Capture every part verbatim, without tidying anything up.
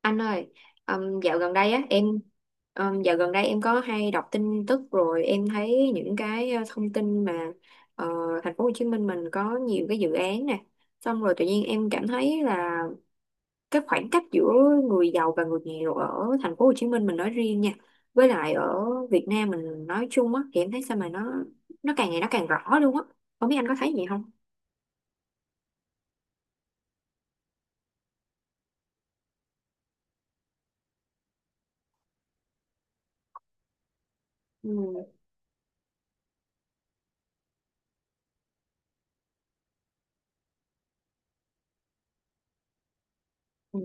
Anh ơi, um, dạo gần đây á em um, dạo gần đây em có hay đọc tin tức rồi em thấy những cái ờ, thông tin mà ờ, thành phố Hồ Chí Minh mình có nhiều cái dự án nè, xong rồi tự nhiên em cảm thấy là cái khoảng cách giữa người giàu và người nghèo ở thành phố Hồ Chí Minh mình nói riêng nha, với lại ở Việt Nam mình nói chung á thì em thấy sao mà nó nó càng ngày nó càng rõ luôn á. Không biết anh có thấy gì không? Ừ, ừ,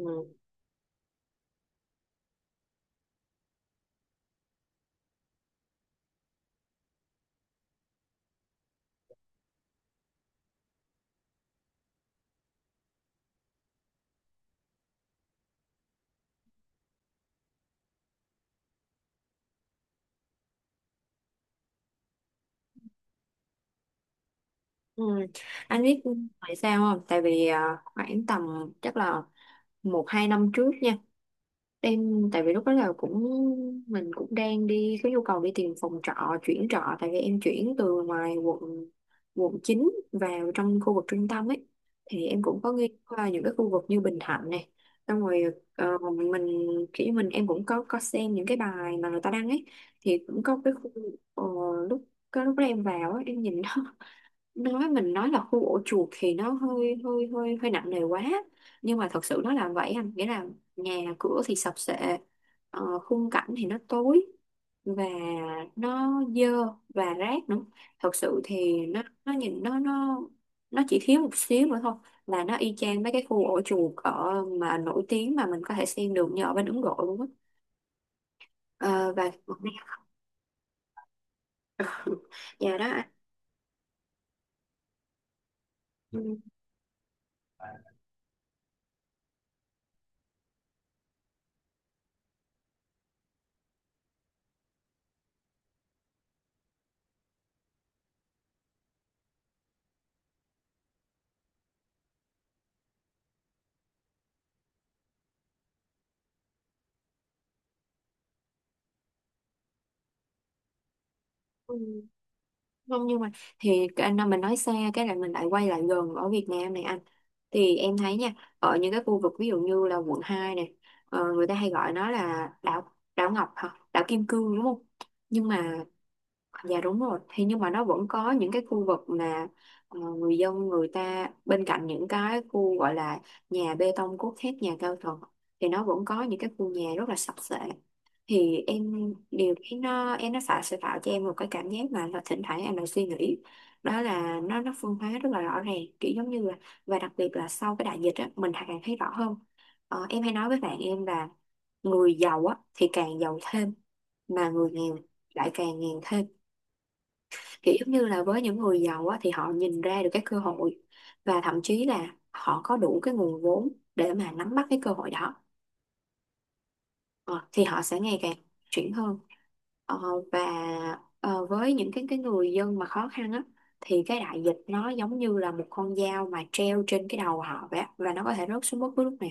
ừ. Anh biết tại sao không? Tại vì à, khoảng tầm chắc là một hai năm trước nha em tại vì lúc đó là cũng mình cũng đang đi có nhu cầu đi tìm phòng trọ chuyển trọ tại vì em chuyển từ ngoài quận quận chín vào trong khu vực trung tâm ấy thì em cũng có nghe qua những cái khu vực như Bình Thạnh này xong rồi ờ, mình kiểu như mình em cũng có có xem những cái bài mà người ta đăng ấy thì cũng có cái khu ờ, lúc cái lúc đó em vào ấy, em nhìn đó nói mình nói là khu ổ chuột thì nó hơi hơi hơi hơi nặng nề quá nhưng mà thật sự nó là vậy anh nghĩa là nhà cửa thì sập sệ, ờ, khung cảnh thì nó tối và nó dơ và rác nữa thật sự thì nó nó nhìn nó nó nó chỉ thiếu một xíu nữa thôi là nó y chang mấy cái khu ổ chuột ở mà nổi tiếng mà mình có thể xem được như ở bên Ấn Độ luôn á. Ờ, và nhà đó anh. Ừ. Không nhưng mà thì cái- nó- mình nói xa cái là mình lại quay lại gần ở Việt Nam này anh thì em thấy nha ở những cái khu vực ví dụ như là quận hai này, ờ, người ta hay gọi nó là đảo đảo Ngọc hả đảo Kim Cương đúng không nhưng mà. Dạ đúng rồi. Thì nhưng mà nó vẫn có những cái khu vực mà ờ, người dân người ta bên cạnh những cái khu gọi là nhà bê tông cốt thép nhà cao tầng thì nó vẫn có những cái khu nhà rất là sập xệ. Thì em điều khiến nó em nó phải sẽ tạo cho em một cái cảm giác mà là thỉnh thoảng em lại suy nghĩ đó là nó nó phân hóa rất là rõ ràng kiểu giống như là và đặc biệt là sau cái đại dịch á mình càng thấy rõ hơn. Ờ, em hay nói với bạn em là người giàu á thì càng giàu thêm mà người nghèo lại càng nghèo thêm kiểu giống như là với những người giàu á, thì họ nhìn ra được cái cơ hội và thậm chí là họ có đủ cái nguồn vốn để mà nắm bắt cái cơ hội đó. Ờ, thì họ sẽ ngày càng chuyển hơn. Ờ, và ờ, với những cái cái người dân mà khó khăn á thì cái đại dịch nó giống như là một con dao mà treo trên cái đầu họ vậy á, và nó có thể rớt xuống bất cứ lúc nào.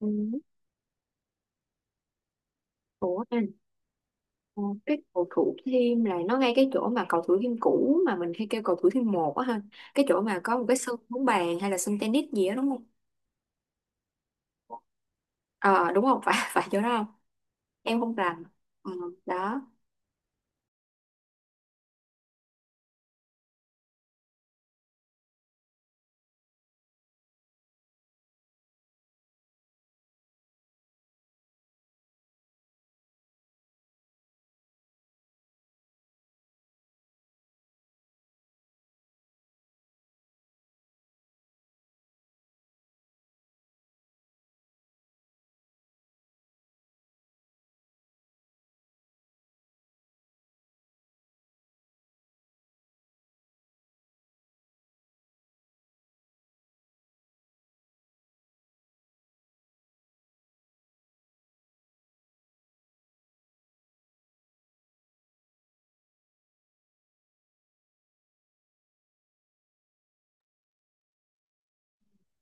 Ừ. Ủa. Ờ, cái cầu Thủ Thiêm là nó ngay cái chỗ mà cầu Thủ Thiêm cũ mà mình hay kêu cầu Thủ Thiêm một á ha, cái chỗ mà có một cái sân bóng bàn hay là sân tennis gì đó đúng không, ờ đúng không phải phải chỗ đó không, em không rành. Ừ, đó.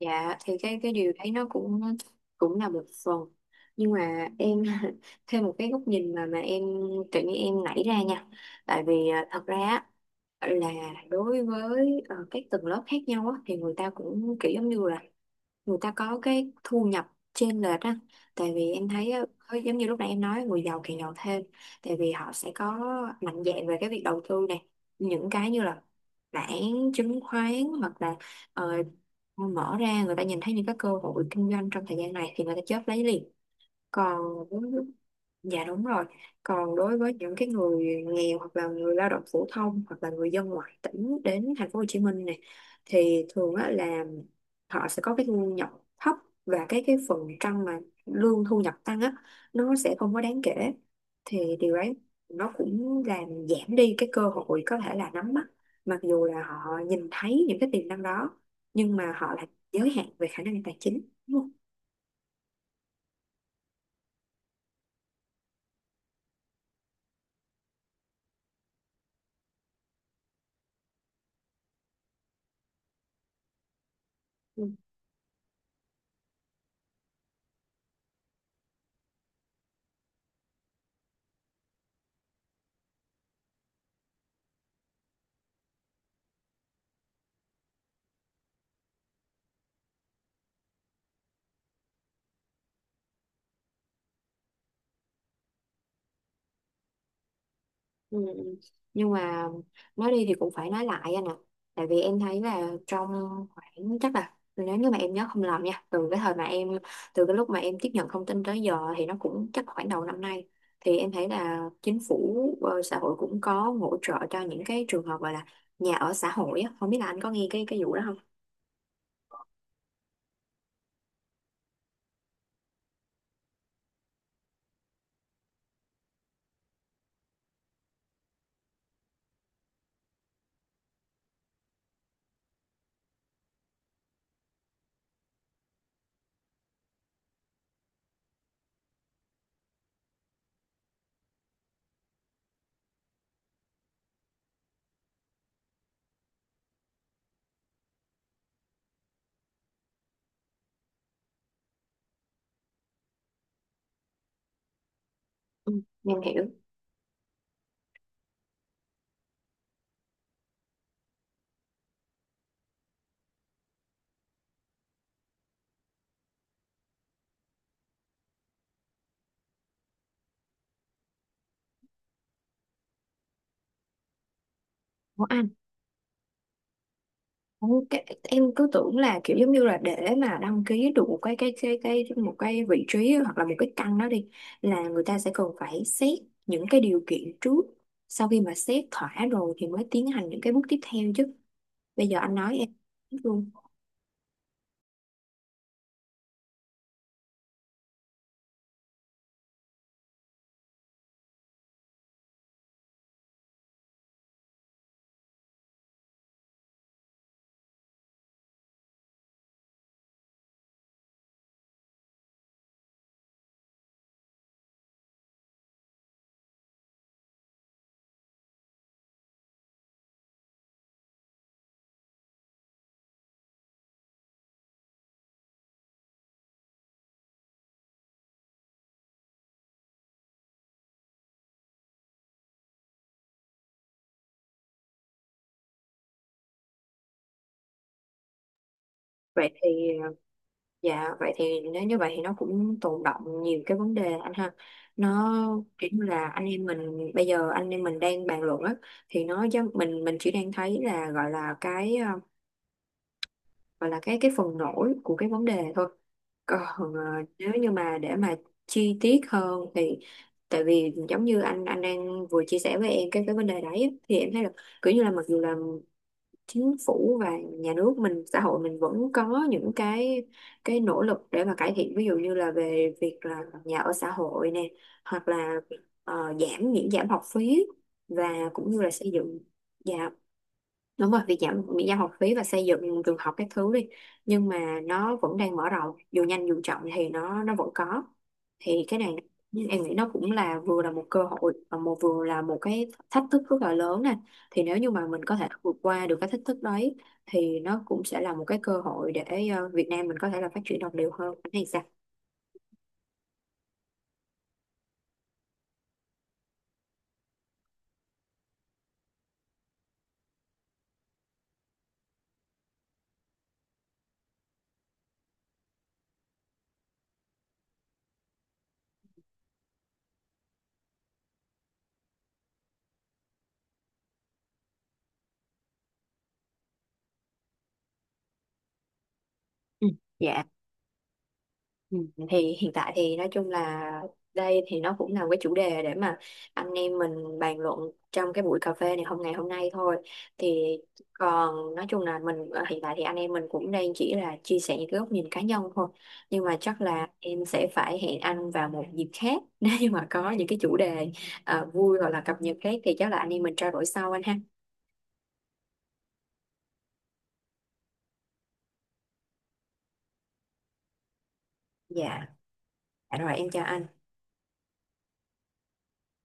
Dạ thì cái cái điều đấy nó cũng cũng là một phần nhưng mà em thêm một cái góc nhìn mà mà em tự nhiên em nảy ra nha tại vì à, thật ra á, là đối với ờ, các tầng lớp khác nhau á, thì người ta cũng kiểu giống như là người ta có cái thu nhập chênh lệch á tại vì em thấy á, giống như lúc nãy em nói người giàu càng giàu thêm tại vì họ sẽ có mạnh dạn về cái việc đầu tư này những cái như là bản chứng khoán hoặc là ờ, mở ra người ta nhìn thấy những cái cơ hội kinh doanh trong thời gian này thì người ta chớp lấy liền còn. Dạ đúng rồi. Còn đối với những cái người nghèo hoặc là người lao động phổ thông hoặc là người dân ngoại tỉnh đến thành phố Hồ Chí Minh này thì thường á, là họ sẽ có cái thu nhập thấp và cái cái phần trăm mà lương thu nhập tăng á nó sẽ không có đáng kể. Thì điều đấy nó cũng làm giảm đi cái cơ hội có thể là nắm bắt mặc dù là họ nhìn thấy những cái tiềm năng đó nhưng mà họ lại giới hạn về khả năng tài chính. Đúng không? Ừ. Ừ. Nhưng mà nói đi thì cũng phải nói lại anh ạ. Tại vì em thấy là trong khoảng chắc là nếu như mà em nhớ không lầm nha, từ cái thời mà em từ cái lúc mà em tiếp nhận thông tin tới giờ thì nó cũng chắc khoảng đầu năm nay thì em thấy là chính phủ, ờ, xã hội cũng có hỗ trợ cho những cái trường hợp gọi là nhà ở xã hội á, không biết là anh có nghe cái cái vụ đó không? Ừ. Em hiểu. Của anh. Ủa, cái, em cứ tưởng là kiểu giống như là để mà đăng ký được một cái cái cái cái một cái vị trí hoặc là một cái căn đó đi là người ta sẽ cần phải xét những cái điều kiện trước sau khi mà xét thỏa rồi thì mới tiến hành những cái bước tiếp theo chứ bây giờ anh nói em biết luôn vậy thì. Dạ vậy thì nếu như vậy thì nó cũng tồn đọng nhiều cái vấn đề anh ha nó kiểu như là anh em mình bây giờ anh em mình đang bàn luận á thì nó giống- mình mình chỉ đang thấy là gọi là cái gọi là cái cái phần nổi của cái vấn đề thôi còn ờ, nếu như mà để mà chi tiết hơn thì tại vì giống như anh anh đang vừa chia sẻ với em cái cái vấn đề đấy á, thì em thấy là kiểu như là mặc dù là chính phủ và nhà nước mình xã hội mình vẫn có những cái cái nỗ lực để mà cải thiện ví dụ như là về việc là nhà ở xã hội nè hoặc là ờ, giảm miễn giảm học phí và cũng như là xây dựng nhà đúng rồi việc giảm miễn giảm học phí và xây dựng trường học các thứ đi nhưng mà nó vẫn đang mở rộng dù nhanh dù chậm thì nó nó vẫn có thì cái này nhưng em nghĩ nó cũng là vừa là một cơ hội và một vừa là một cái thách thức rất là lớn nè thì nếu như mà mình có thể vượt qua được cái thách thức đấy thì nó cũng sẽ là một cái cơ hội để ờ, Việt Nam mình có thể là phát triển đồng đều hơn. Anh thấy sao? Ừ. Dạ. Ừ, thì hiện tại thì nói chung là đây thì nó cũng là một cái chủ đề để mà anh em mình bàn luận trong cái buổi cà phê này hôm ngày hôm nay thôi thì còn nói chung là mình ờ, hiện tại thì anh em mình cũng đang chỉ là chia sẻ những cái góc nhìn cá nhân thôi nhưng mà chắc là em sẽ phải hẹn anh vào một dịp khác nếu như mà có những cái chủ đề à, vui hoặc là cập nhật khác thì chắc là anh em mình trao đổi sau anh ha. Dạ. Dạ rồi em chào anh.